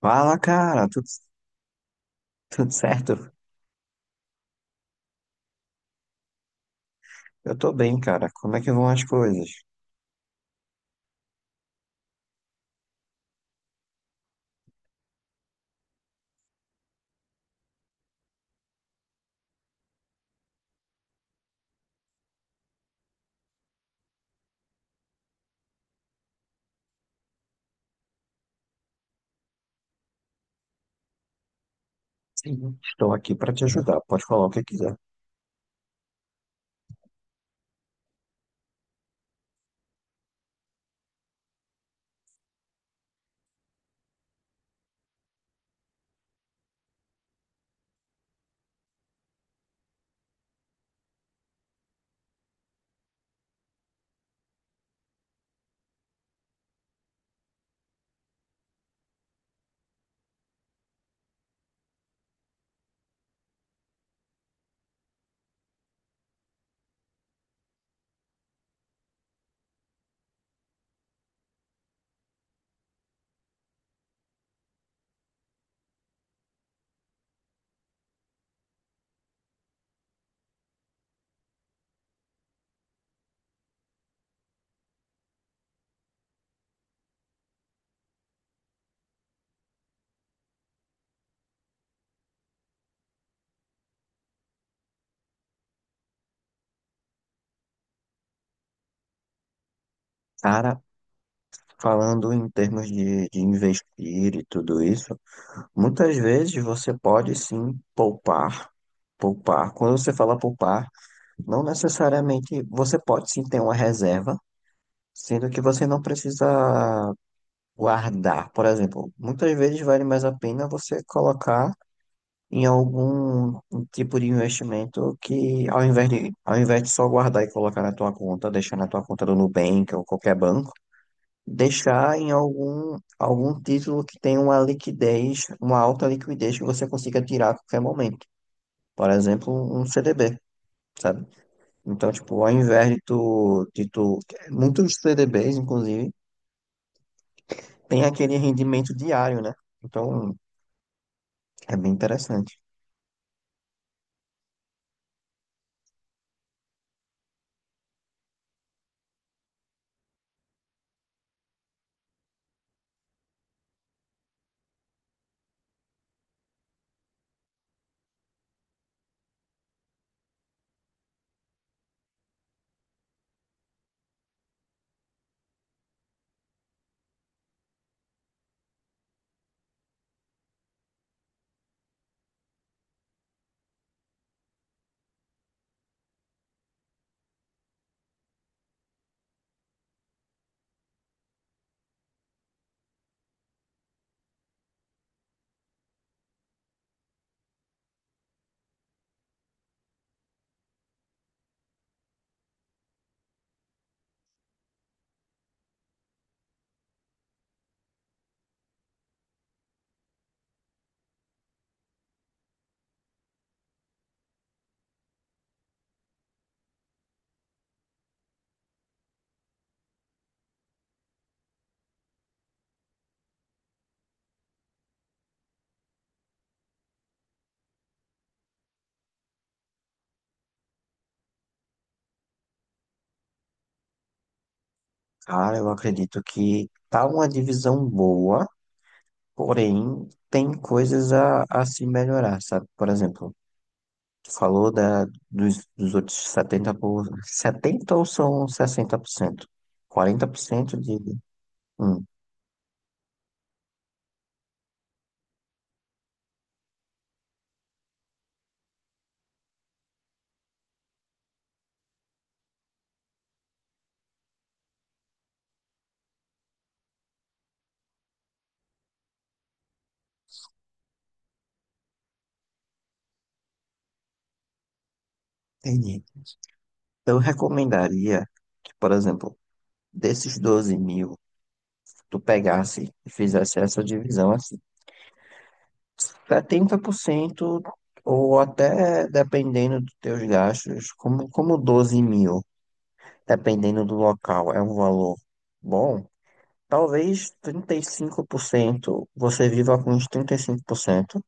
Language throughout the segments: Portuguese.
Fala, cara, tudo certo? Eu tô bem, cara. Como é que vão as coisas? Sim. Estou aqui para te ajudar. Pode falar o que quiser. Cara, falando em termos de investir e tudo isso, muitas vezes você pode sim poupar. Poupar. Quando você fala poupar, não necessariamente você pode sim ter uma reserva, sendo que você não precisa guardar. Por exemplo, muitas vezes vale mais a pena você colocar em algum tipo de investimento que ao invés de só guardar e colocar na tua conta, deixar na tua conta do Nubank ou qualquer banco, deixar em algum título que tenha uma liquidez, uma alta liquidez que você consiga tirar a qualquer momento. Por exemplo, um CDB, sabe? Então, tipo, ao invés de tu, muitos CDBs, inclusive, tem aquele rendimento diário, né? Então, é bem interessante. Cara, eu acredito que tá uma divisão boa, porém tem coisas a se melhorar, sabe? Por exemplo, tu falou dos outros 70 ou são 60%, 40% de... Hum, entendi. Eu recomendaria que, por exemplo, desses 12 mil, tu pegasse e fizesse essa divisão assim: 70%, ou até, dependendo dos teus gastos, como, como 12 mil, dependendo do local, é um valor bom. Talvez 35%, você viva com uns 35% e 5%,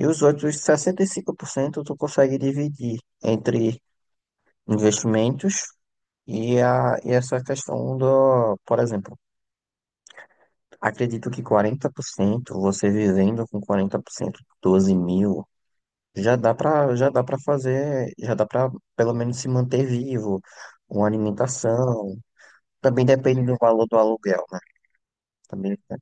e os outros 65% tu consegue dividir entre investimentos e, a, e essa questão do, por exemplo, acredito que 40%, você vivendo com 40%, 12 mil, já dá pra, já dá pra pelo menos se manter vivo, uma alimentação, também depende do valor do aluguel, né? Também é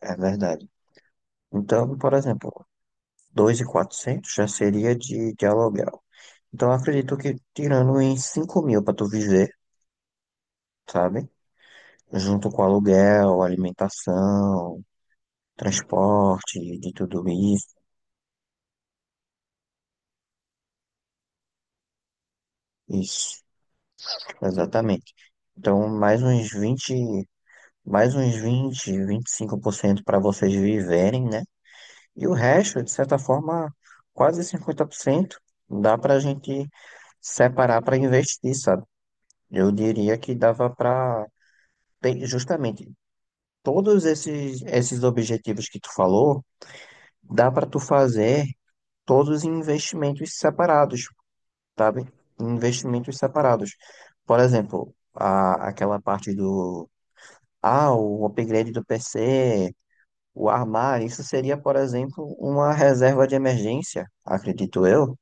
é verdade. Então, por exemplo, 2.400 já seria de aluguel. Então, eu acredito que tirando em 5 mil para tu viver, sabe? Junto com aluguel, alimentação, transporte, de tudo isso. Isso, exatamente. Então, mais uns vinte, 25% para vocês viverem, né? E o resto, de certa forma, quase 50% dá para a gente separar para investir, sabe? Eu diria que dava para justamente todos esses, esses objetivos que tu falou, dá para tu fazer todos em investimentos separados, sabe? Em investimentos separados. Por exemplo, a, aquela parte do, ah, o upgrade do PC, o armário, isso seria, por exemplo, uma reserva de emergência, acredito eu.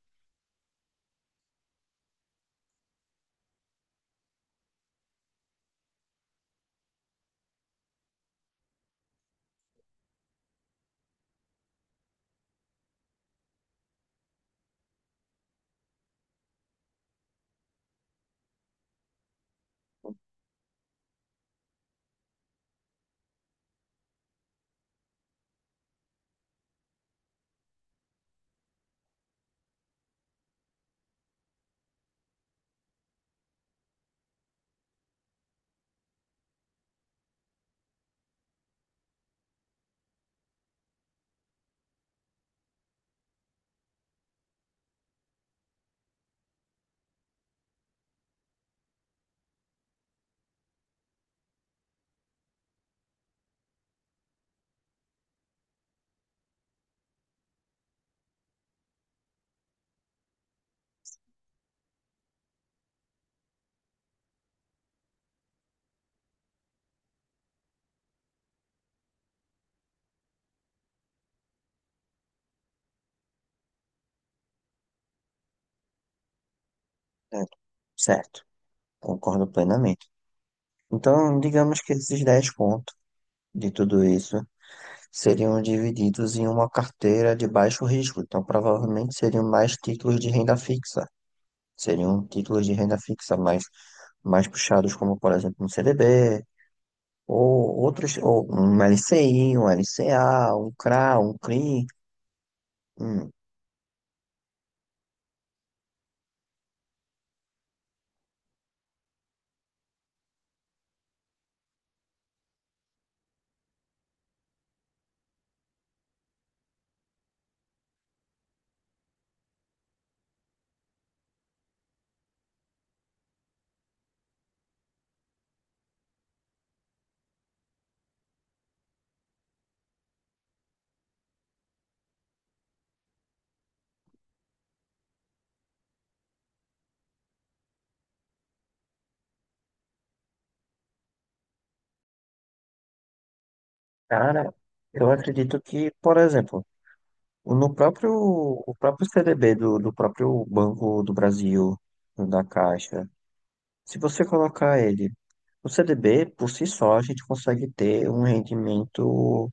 Certo, certo, concordo plenamente. Então, digamos que esses 10 pontos de tudo isso seriam divididos em uma carteira de baixo risco, então provavelmente seriam mais títulos de renda fixa, seriam títulos de renda fixa mais, mais puxados, como por exemplo um CDB, ou outros, ou um LCI, um LCA, um CRA, um CRI. Hum, Cara, eu acredito que, por exemplo, no próprio, o próprio CDB do, do próprio Banco do Brasil, da Caixa, se você colocar ele, o CDB, por si só, a gente consegue ter um rendimento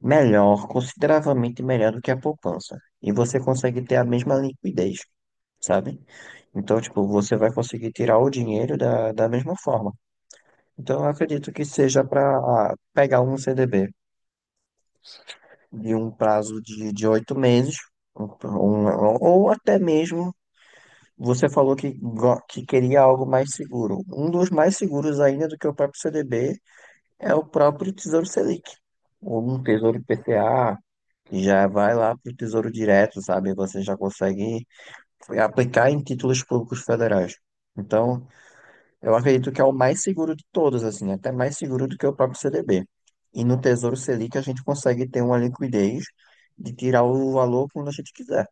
melhor, consideravelmente melhor do que a poupança. E você consegue ter a mesma liquidez, sabe? Então, tipo, você vai conseguir tirar o dinheiro da mesma forma. Então, eu acredito que seja para pegar um CDB de um prazo de 8 meses, ou até mesmo, você falou que, que queria algo mais seguro. Um dos mais seguros ainda do que o próprio CDB é o próprio Tesouro Selic, ou um Tesouro IPCA, que já vai lá para o Tesouro Direto, sabe? Você já consegue aplicar em títulos públicos federais. Então, eu acredito que é o mais seguro de todos, assim, até mais seguro do que o próprio CDB. E no Tesouro Selic a gente consegue ter uma liquidez de tirar o valor quando a gente quiser.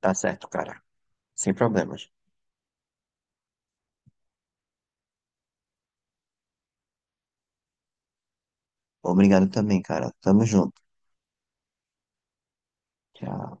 Tá certo, cara. Sem problemas. Obrigado também, cara. Tamo junto. Tchau.